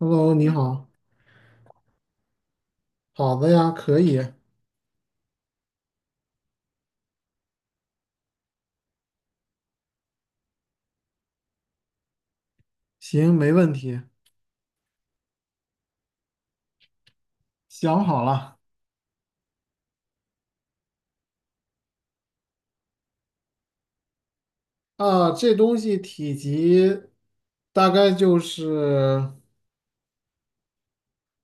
Hello，你好。好的呀，可以。行，没问题。想好了。这东西体积大概就是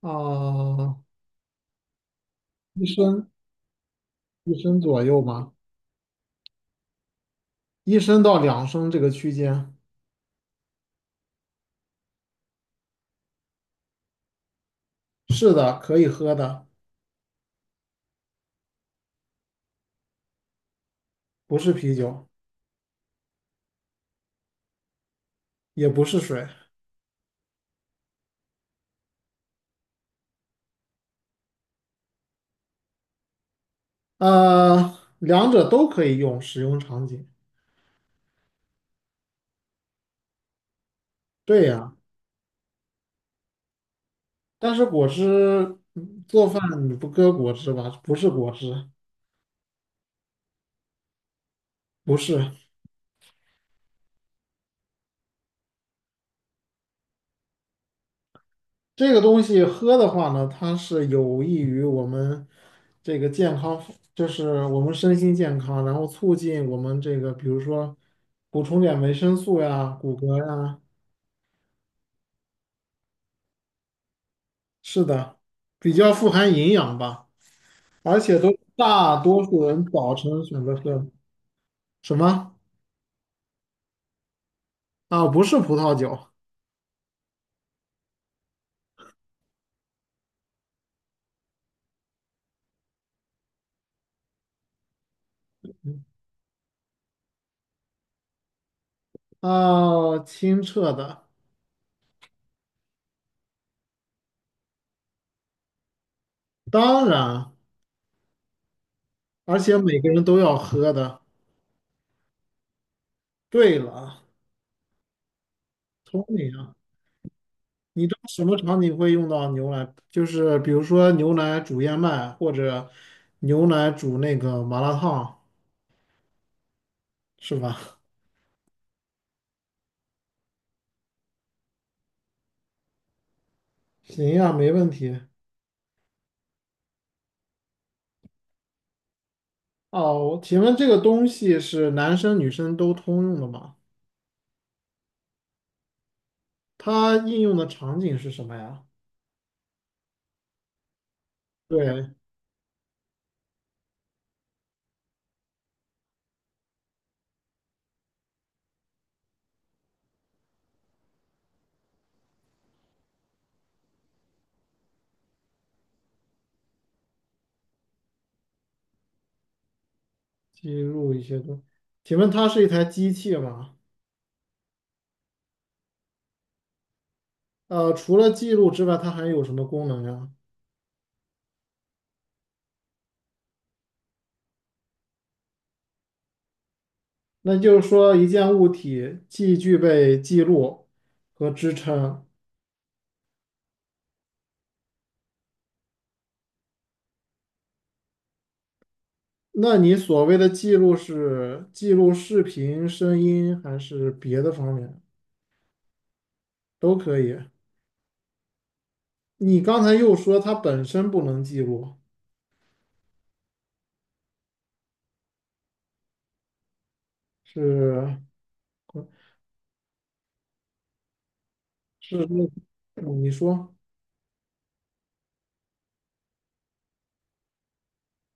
啊一升一升左右吧，一升到两升这个区间。是的，可以喝的。不是啤酒。也不是水。两者都可以用，使用场景。对呀，但是果汁做饭你不搁果汁吧？不是果汁，不是。这个东西喝的话呢，它是有益于我们这个健康，就是我们身心健康，然后促进我们这个，比如说补充点维生素呀、骨骼呀。是的，比较富含营养吧，而且都大多数人早晨选择喝。什么啊？不是葡萄酒。啊，清澈的。当然，而且每个人都要喝的。对了，聪明啊。你知道什么场景会用到牛奶？就是比如说牛奶煮燕麦，或者牛奶煮那个麻辣烫，是吧？行呀，没问题。哦，请问这个东西是男生女生都通用的吗？它应用的场景是什么呀？对。记录一些东。请问它是一台机器吗？呃，除了记录之外，它还有什么功能呀？那就是说，一件物体既具备记录和支撑。那你所谓的记录是记录视频、声音还是别的方面都可以？你刚才又说它本身不能记录。是是那，嗯你说，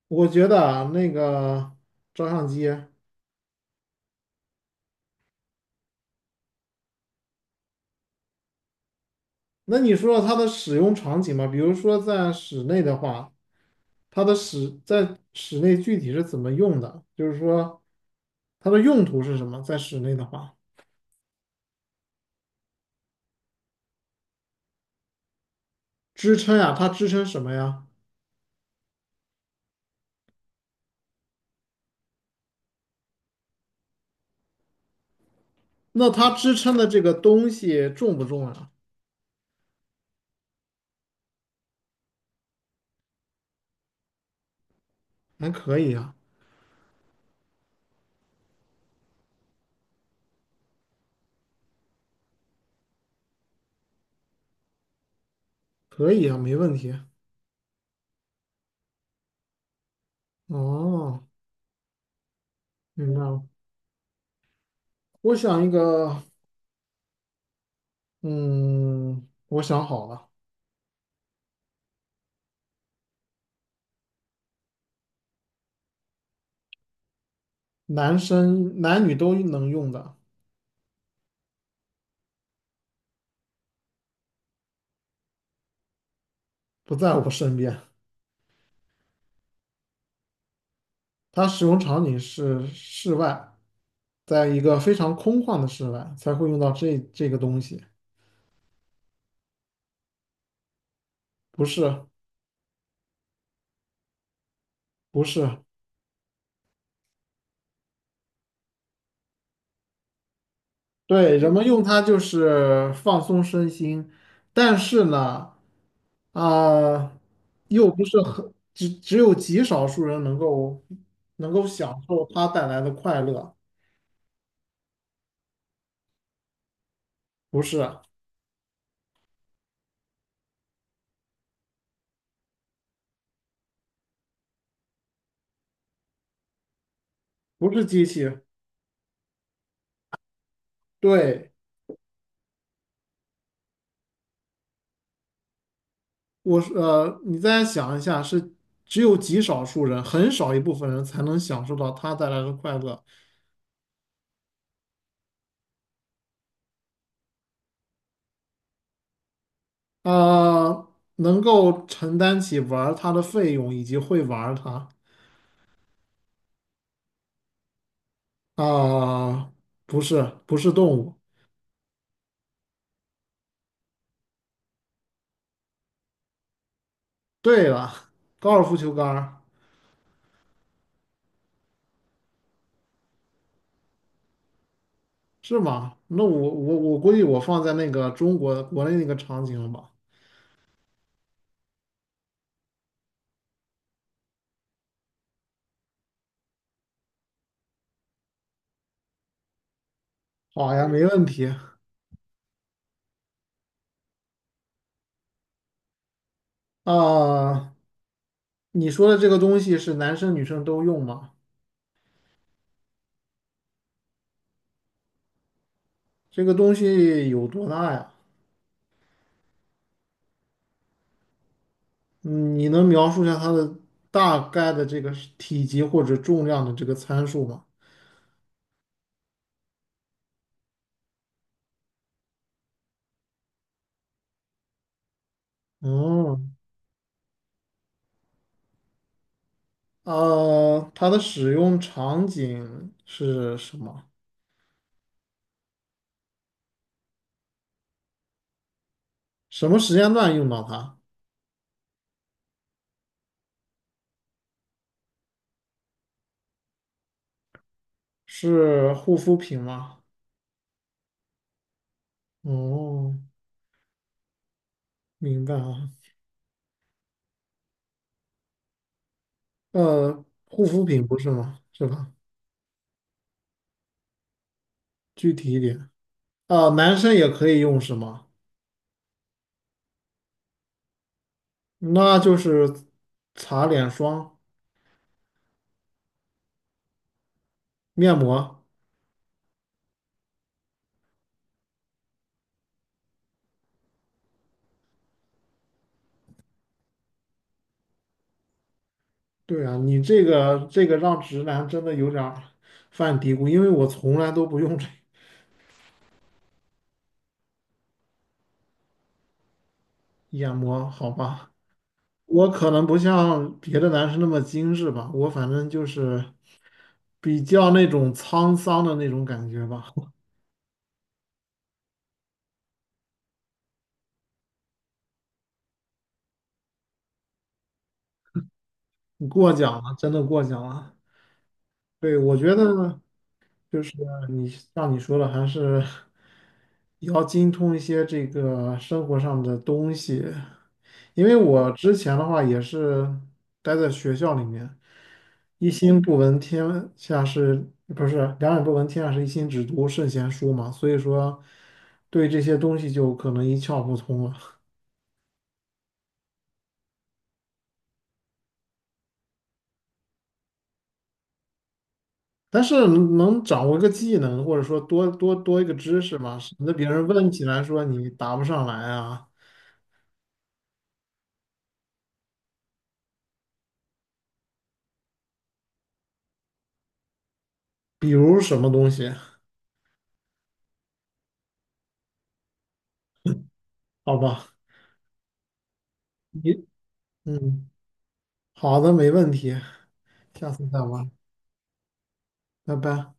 我觉得啊，那个照相机。那你说它的使用场景吧，比如说在室内的话，它的使在室内具体是怎么用的？就是说它的用途是什么？在室内的话，支撑呀，它支撑什么呀？那它支撑的这个东西重不重啊？还可以啊。可以啊，没问题。哦，明白了。我想一个，嗯，我想好了。男生男女都能用的。不在我身边。它使用场景是室外，在一个非常空旷的室外才会用到这个东西。不是，不是。对，人们用它就是放松身心，但是呢，啊、又不是很，只有极少数人能够享受它带来的快乐。不是不是机器。对，你再想一下，是只有极少数人，很少一部分人才能享受到它带来的快乐。呃，能够承担起玩儿它的费用以及会玩儿它。啊，不是，不是动物。对了，高尔夫球杆儿是吗？那我估计我放在那个中国国内那个场景了吧？好呀，没问题。啊，你说的这个东西是男生女生都用吗？这个东西有多大呀？嗯你能描述一下它的大概的这个是体积或者重量的这个参数吗？嗯。呃，它的使用场景是什么？什么时间段用到它？是护肤品吗？哦，明白啊。呃，护肤品不是吗？是吧？具体一点。啊，男生也可以用是吗？那就是擦脸霜、面膜。对啊，你这个这个让直男真的有点儿犯嘀咕，因为我从来都不用这。眼膜，好吧？我可能不像别的男生那么精致吧，我反正就是比较那种沧桑的那种感觉吧。你过奖了，真的过奖了。对，我觉得就是像你说的，还是要精通一些这个生活上的东西。因为我之前的话也是待在学校里面，一心不闻天下事，不是两眼不闻天下事，一心只读圣贤书嘛，所以说对这些东西就可能一窍不通了。但是能掌握一个技能，或者说多一个知识嘛，省得别人问起来说你答不上来啊。比如什么东西？好吧。你嗯，好的，没问题，下次再玩，拜拜。